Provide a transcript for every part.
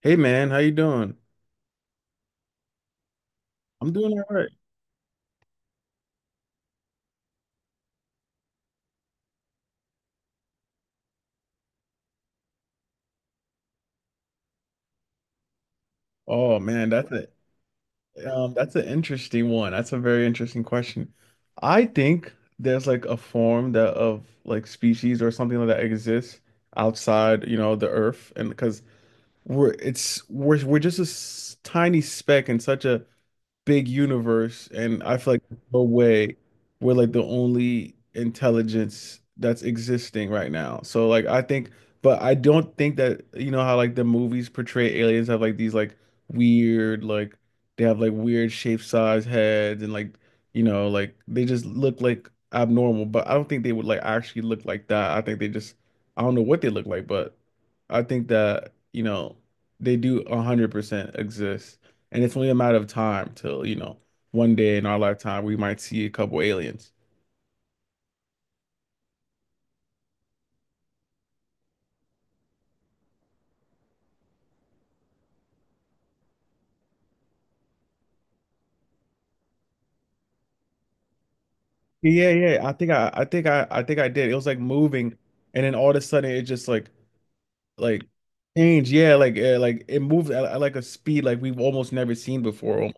Hey man, how you doing? I'm doing all right. Oh man, that's a that's an interesting one. That's a very interesting question. I think there's like a form that of like species or something like that exists outside, you know, the earth. And because we're it's we're just a s- tiny speck in such a big universe, and I feel like there's no way we're like the only intelligence that's existing right now. So like I think, but I don't think that you know how like the movies portray aliens have like these like weird like they have like weird shape size heads and like you know like they just look like abnormal. But I don't think they would like actually look like that. I think they just I don't know what they look like, but I think that you know they do 100% exist. And it's only a matter of time till, you know, one day in our lifetime we might see a couple aliens. Yeah, yeah. I think I think I think I did. It was like moving and then all of a sudden it just like changed. Yeah, like it moved at like a speed like we've almost never seen before. Almo-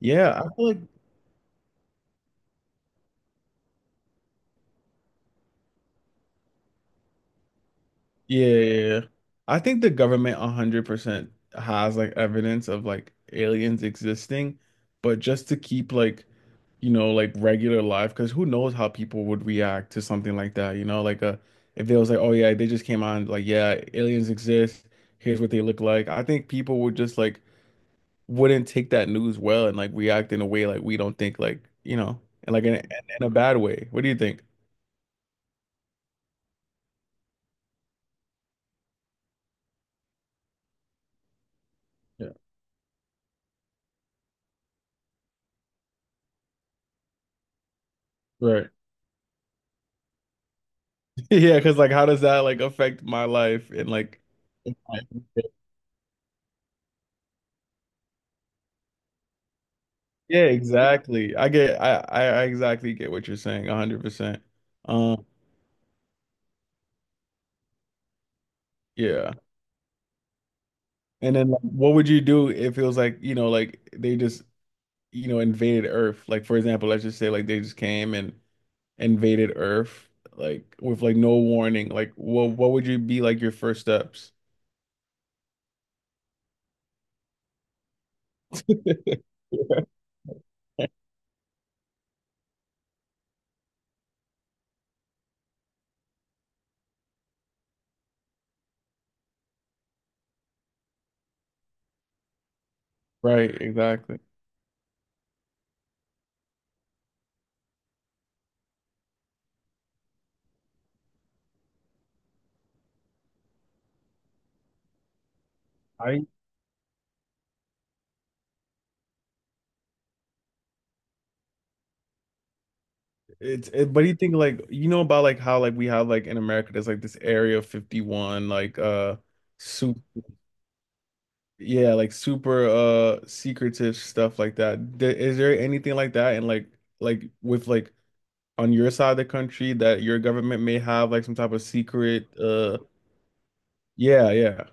Yeah, I feel like yeah. I think the government 100% has like evidence of like aliens existing, but just to keep like you know, like regular life, because who knows how people would react to something like that, you know, like if they was like, oh yeah, they just came on, like, yeah, aliens exist, here's what they look like. I think people would just like wouldn't take that news well and like react in a way like we don't think like, you know, and like in in a bad way. What do you think? Yeah. Right. Yeah, because like how does that like affect my life and like in my- yeah, exactly. I exactly get what you're saying, 100%. Um, yeah. And then like, what would you do if it was like, you know, like they just, you know, invaded Earth? Like for example, let's just say like they just came and invaded Earth like with like no warning. Like what would you be like your first steps? Right, exactly. I it's it, but you think like you know about like how like we have like in America there's like this Area 51 like super yeah like super secretive stuff like that. Th- Is there anything like that and like with like on your side of the country that your government may have like some type of secret yeah yeah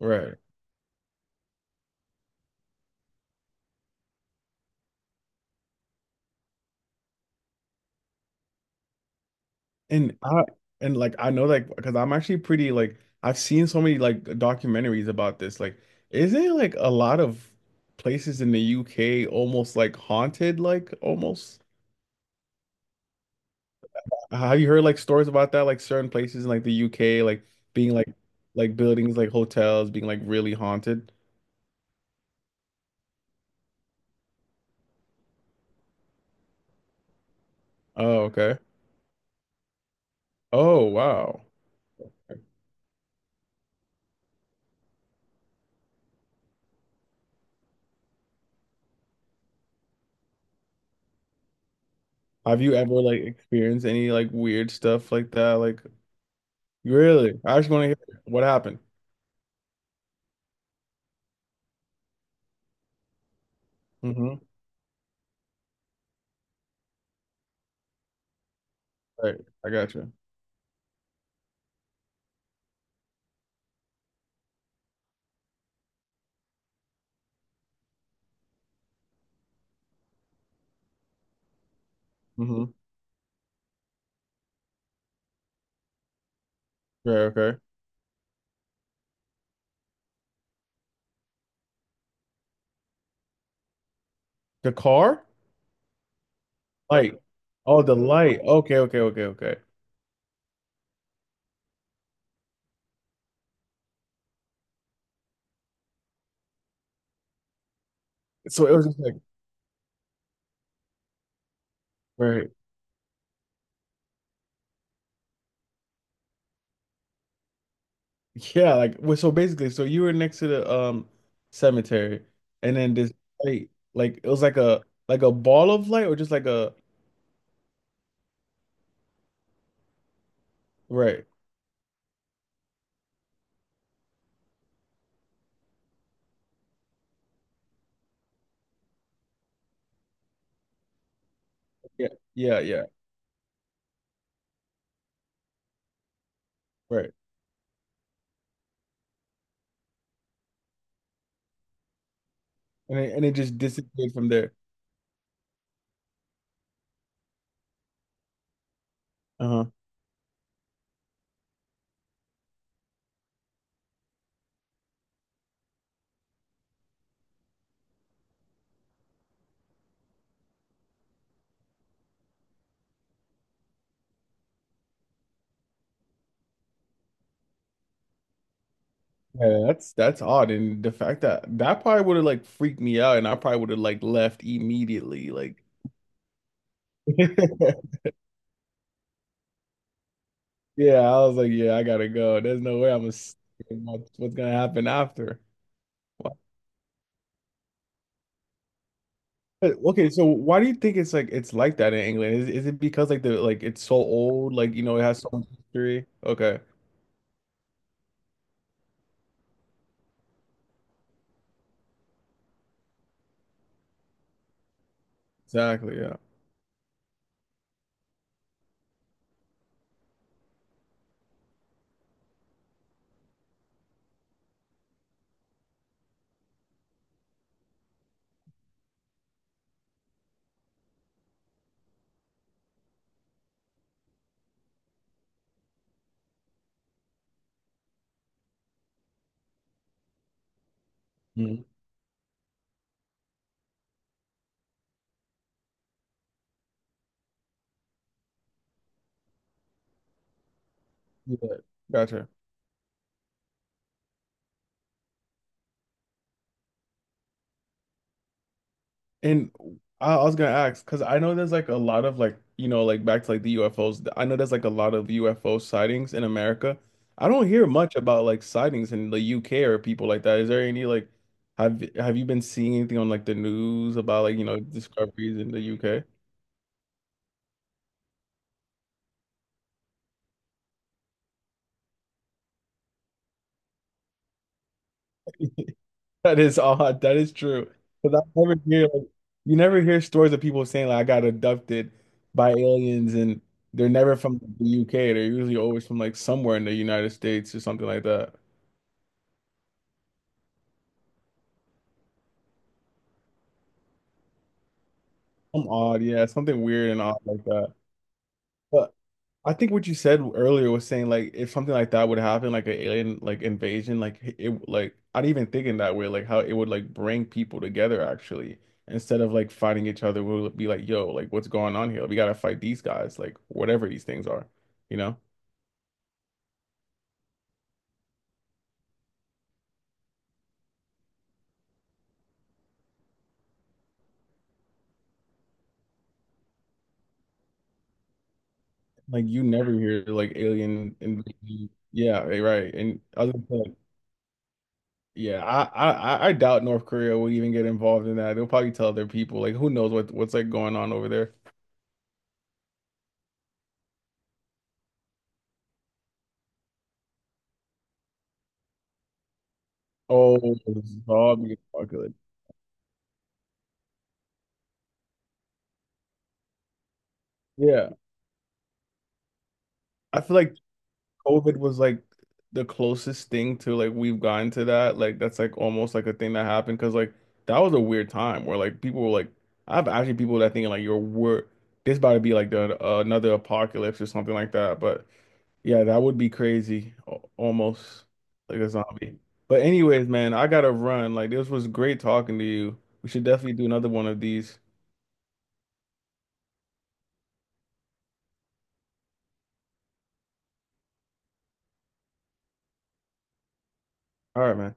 right. And I and like I know like because I'm actually pretty like I've seen so many like documentaries about this like isn't it, like a lot of places in the UK almost like haunted like almost have you heard like stories about that like certain places in like the UK like being like buildings like hotels being like really haunted oh okay oh wow. Have you ever like experienced any like weird stuff like that? Like really? I just want to hear what happened. Mm-hmm. Right. I got you. Mm-hmm. Right, okay. The car? Light. Oh, the light. Okay, okay, okay, okay. So it was just like right. Yeah, like well, so basically, so you were next to the cemetery and then this light, like it was like a ball of light or just like a right. Yeah, yeah, yeah. Right. And it just disappeared from there. Uh-huh. Yeah, that's odd, and the fact that that probably would have like freaked me out, and I probably would have like left immediately. Like, yeah, I was like, yeah, I gotta go. There's no way I'm gonna see what- what's gonna happen after. Wha- Okay, so why do you think it's like that in England? Is it because like the like it's so old, like you know, it has so much history? Okay, exactly. Yeah. Mhm. Yeah. Gotcha. And I was gonna ask because I know there's like a lot of like you know like back to like the UFOs. I know there's like a lot of UFO sightings in America. I don't hear much about like sightings in the UK or people like that. Is there any like have you been seeing anything on like the news about like you know discoveries in the UK? That is odd. That is true. Because I never hear like, you never hear stories of people saying like I got abducted by aliens and they're never from the UK. They're usually always from like somewhere in the United States or something like that. Some odd, yeah, something weird and odd like that. But I think what you said earlier was saying like if something like that would happen, like an alien like invasion, like it like I didn't even think in that way, like how it would like bring people together actually. Instead of like fighting each other, we'll be like, yo, like what's going on here? We gotta fight these guys, like whatever these things are, you know? Like you never hear like alien invasion. Yeah, right. right, And other Yeah, I doubt North Korea would even get involved in that. They'll probably tell their people, like, who knows what's like going on over there. Oh, zombie apocalypse. Yeah, I feel like COVID was like the closest thing to like we've gotten to that. Like that's like almost like a thing that happened because like that was a weird time where like people were like, I have actually people that think like you're wor this about to be like the, another apocalypse or something like that. But yeah, that would be crazy. Al- Almost like a zombie. But anyways, man, I gotta run. Like this was great talking to you. We should definitely do another one of these. All right, man.